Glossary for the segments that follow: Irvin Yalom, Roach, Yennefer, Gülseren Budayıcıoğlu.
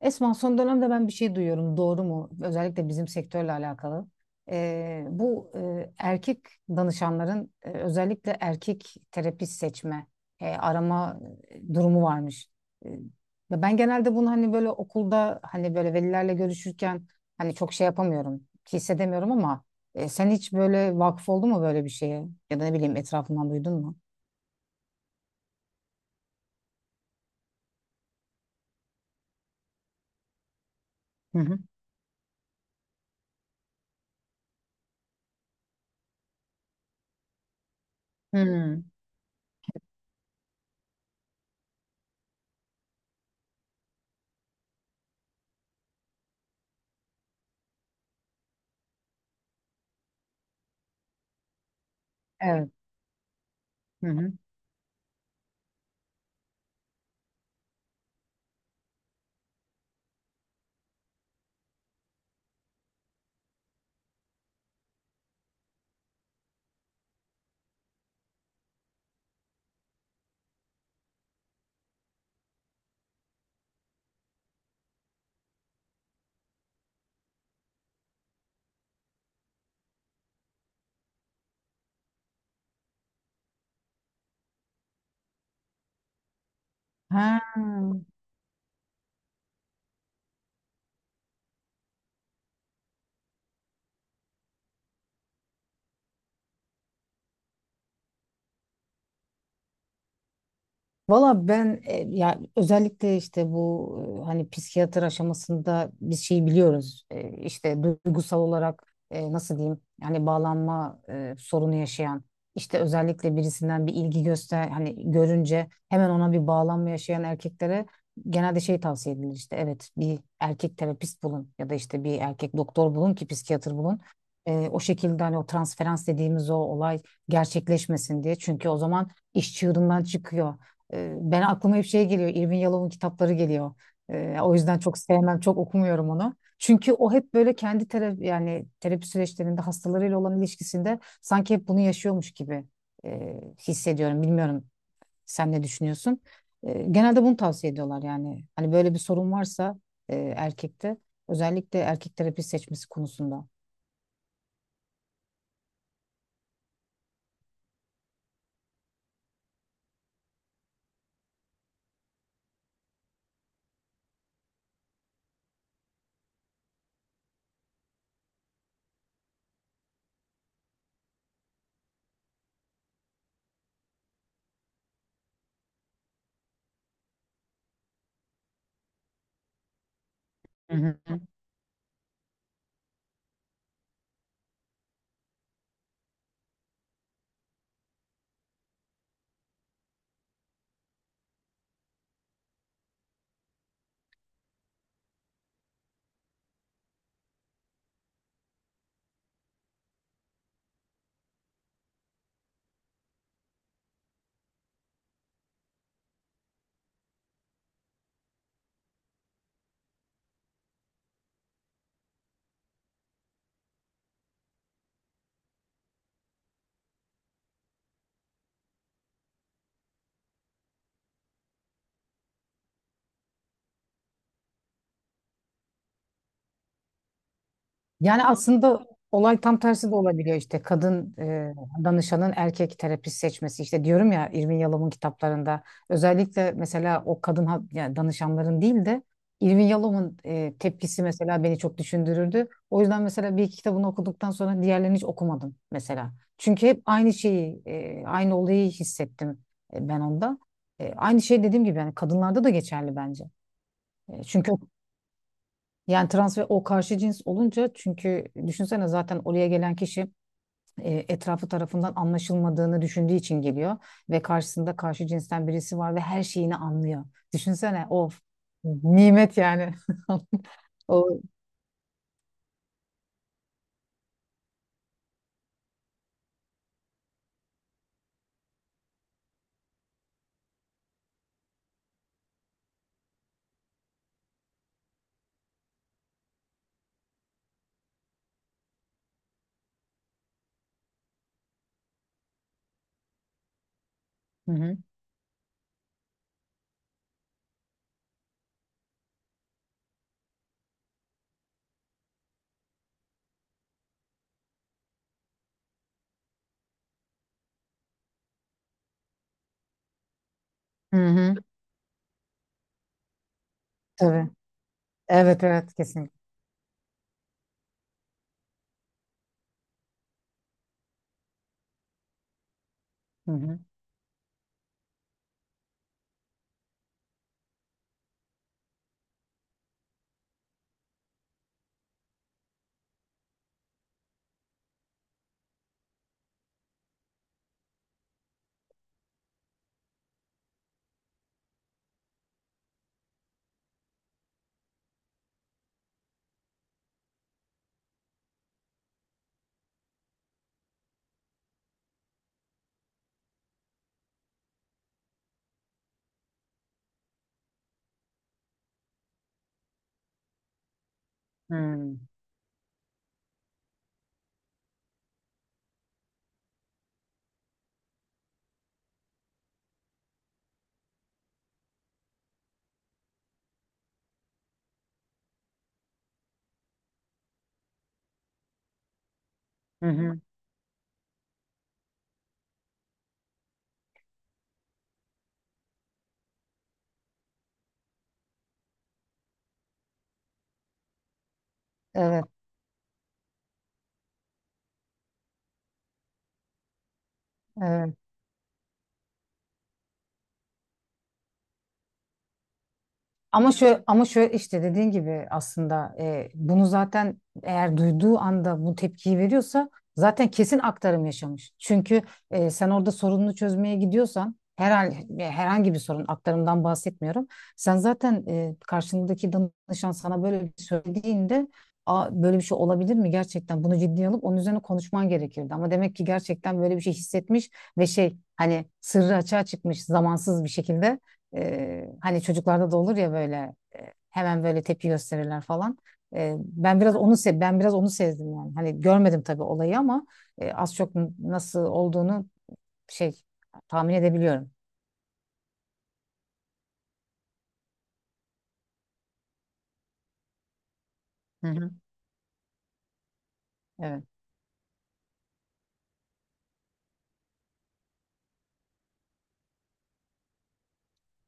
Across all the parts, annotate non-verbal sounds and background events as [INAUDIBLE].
Esma son dönemde ben bir şey duyuyorum. Doğru mu? Özellikle bizim sektörle alakalı. Erkek danışanların özellikle erkek terapist seçme, arama durumu varmış. E, ve ben genelde bunu hani böyle okulda hani böyle velilerle görüşürken hani çok şey yapamıyorum, hissedemiyorum ama sen hiç böyle vakıf oldun mu böyle bir şeye? Ya da ne bileyim etrafından duydun mu? Hı hı. Hmm. Evet. Hı hı. Ha. Valla ben ya özellikle işte bu hani psikiyatr aşamasında biz şeyi biliyoruz. İşte duygusal olarak nasıl diyeyim yani bağlanma sorunu yaşayan işte özellikle birisinden bir ilgi göster hani görünce hemen ona bir bağlanma yaşayan erkeklere genelde şey tavsiye edilir işte, evet, bir erkek terapist bulun ya da işte bir erkek doktor bulun ki psikiyatr bulun. O şekilde hani o transferans dediğimiz o olay gerçekleşmesin diye, çünkü o zaman iş çığırından çıkıyor. Ben aklıma hep şey geliyor. Irvin Yalom'un kitapları geliyor. O yüzden çok sevmem, çok okumuyorum onu. Çünkü o hep böyle kendi terapi yani terapi süreçlerinde hastalarıyla olan ilişkisinde sanki hep bunu yaşıyormuş gibi e, hissediyorum. Bilmiyorum sen ne düşünüyorsun? Genelde bunu tavsiye ediyorlar yani. Hani böyle bir sorun varsa erkekte, özellikle erkek terapi seçmesi konusunda. Yani aslında olay tam tersi de olabiliyor, işte kadın danışanın erkek terapist seçmesi. İşte diyorum ya, Irvin Yalom'un kitaplarında özellikle mesela yani danışanların değil de Irvin Yalom'un tepkisi mesela beni çok düşündürürdü. O yüzden mesela bir iki kitabını okuduktan sonra diğerlerini hiç okumadım mesela. Çünkü hep aynı şeyi aynı olayı hissettim ben onda. Aynı şey dediğim gibi yani kadınlarda da geçerli bence. Çünkü yani trans ve o karşı cins olunca, çünkü düşünsene zaten oraya gelen kişi etrafı tarafından anlaşılmadığını düşündüğü için geliyor ve karşısında karşı cinsten birisi var ve her şeyini anlıyor. Düşünsene, of, nimet yani. [LAUGHS] O hı hı. Hı hı. Tabii. Evet, evet, kesinlikle. Hı hı. Hı hı. Hı hı. Evet, evet. Ama şöyle, işte dediğin gibi aslında bunu zaten eğer duyduğu anda bu tepkiyi veriyorsa zaten kesin aktarım yaşamış. Çünkü sen orada sorununu çözmeye gidiyorsan herhangi bir sorun, aktarımdan bahsetmiyorum. Sen zaten karşındaki danışan sana böyle bir şey söylediğinde, aa, böyle bir şey olabilir mi gerçekten, bunu ciddiye alıp onun üzerine konuşman gerekirdi. Ama demek ki gerçekten böyle bir şey hissetmiş ve şey, hani, sırrı açığa çıkmış zamansız bir şekilde. Hani çocuklarda da olur ya böyle hemen böyle tepki gösterirler falan. Ben biraz onu sezdim yani. Hani görmedim tabii olayı ama az çok nasıl olduğunu şey tahmin edebiliyorum. Hı hı. Evet.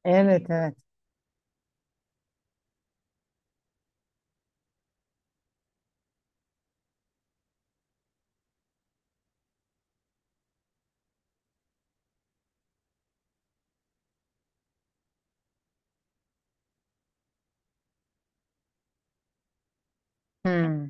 Evet, evet. Hmm.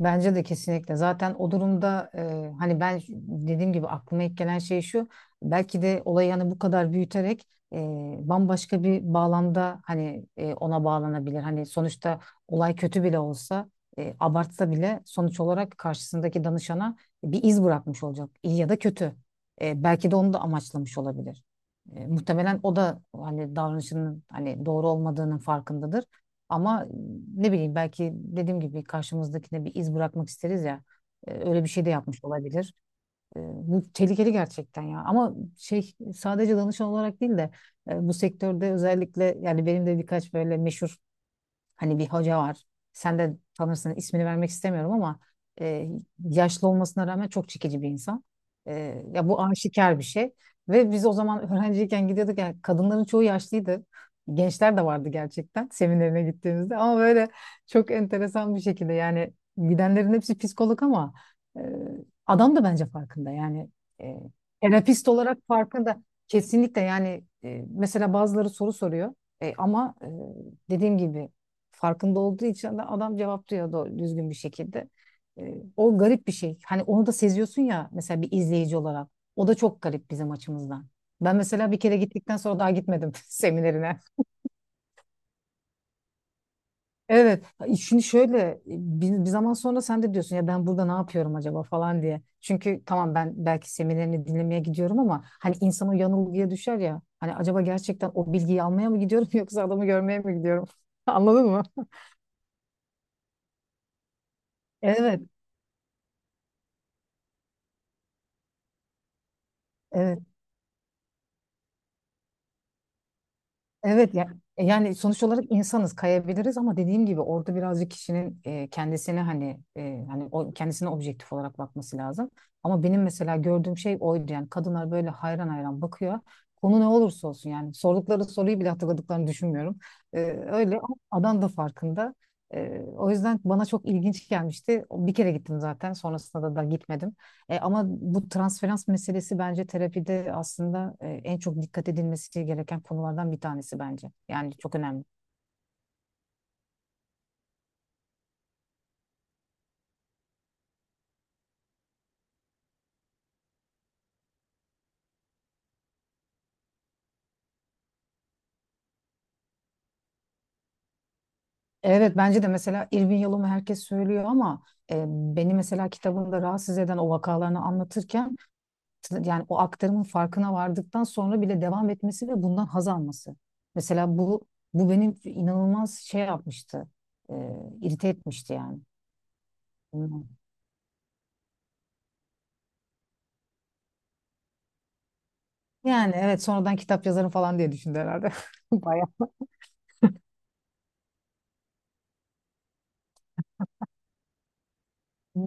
Bence de kesinlikle. Zaten o durumda hani ben dediğim gibi aklıma ilk gelen şey şu. Belki de olayı hani bu kadar büyüterek e, bambaşka bir bağlamda hani ona bağlanabilir. Hani sonuçta olay kötü bile olsa, abartsa bile, sonuç olarak karşısındaki danışana bir iz bırakmış olacak. İyi ya da kötü. Belki de onu da amaçlamış olabilir. Muhtemelen o da hani davranışının hani doğru olmadığının farkındadır. Ama ne bileyim, belki dediğim gibi karşımızdakine bir iz bırakmak isteriz ya. Öyle bir şey de yapmış olabilir. Bu tehlikeli gerçekten ya. Ama şey, sadece danışan olarak değil de bu sektörde özellikle, yani benim de birkaç böyle meşhur, hani bir hoca var. Sen de tanırsın, ismini vermek istemiyorum ama e, yaşlı olmasına rağmen çok çekici bir insan. Ya bu aşikar bir şey. Ve biz o zaman öğrenciyken gidiyorduk. Yani kadınların çoğu yaşlıydı. Gençler de vardı gerçekten seminerine gittiğimizde. Ama böyle çok enteresan bir şekilde, yani gidenlerin hepsi psikolog ama e, adam da bence farkında. Yani e, terapist olarak farkında. Kesinlikle yani. Mesela bazıları soru soruyor. Ama dediğim gibi farkında olduğu için de adam cevaplıyor da düzgün bir şekilde. O garip bir şey. Hani onu da seziyorsun ya mesela bir izleyici olarak. O da çok garip bizim açımızdan. Ben mesela bir kere gittikten sonra daha gitmedim [LAUGHS] seminerine. Evet. Şimdi şöyle, bir zaman sonra sen de diyorsun ya ben burada ne yapıyorum acaba falan diye. Çünkü tamam, ben belki seminerini dinlemeye gidiyorum ama hani insan o yanılgıya düşer ya. Hani acaba gerçekten o bilgiyi almaya mı gidiyorum [LAUGHS] yoksa adamı görmeye mi gidiyorum? [LAUGHS] Anladın mı? Evet. Evet. Evet ya, yani sonuç olarak insanız, kayabiliriz ama dediğim gibi orada birazcık kişinin kendisine hani hani o kendisine objektif olarak bakması lazım. Ama benim mesela gördüğüm şey oydu, yani kadınlar böyle hayran hayran bakıyor. Konu ne olursa olsun yani sordukları soruyu bile hatırladıklarını düşünmüyorum. E, Öyle, ama adam da farkında. O yüzden bana çok ilginç gelmişti. Bir kere gittim zaten, sonrasında da gitmedim. Ama bu transferans meselesi bence terapide aslında en çok dikkat edilmesi gereken konulardan bir tanesi bence. Yani çok önemli. Evet, bence de. Mesela Irvin Yalom'u herkes söylüyor ama beni mesela kitabında rahatsız eden o vakalarını anlatırken yani o aktarımın farkına vardıktan sonra bile devam etmesi ve bundan haz alması. Mesela bu benim inanılmaz şey yapmıştı. E, irite etmişti yani. Yani evet, sonradan kitap yazarım falan diye düşündü herhalde. [LAUGHS] Bayağı.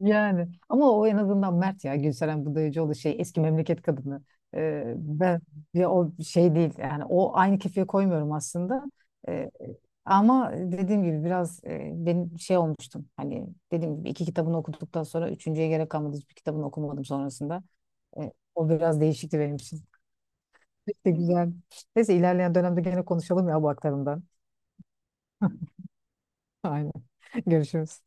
Yani ama o en azından Mert, ya Gülseren Budayıcıoğlu şey, eski memleket kadını. Ben ya, o şey değil yani, o, aynı kefeye koymuyorum aslında. Ee, ama dediğim gibi biraz benim şey olmuştum. Hani dediğim gibi iki kitabını okuduktan sonra üçüncüye gerek kalmadı. Hiçbir kitabını okumadım sonrasında. O biraz değişikti benim için. İşte güzel. Neyse, ilerleyen dönemde gene konuşalım ya bu aktarımdan. [LAUGHS] Aynen. Görüşürüz.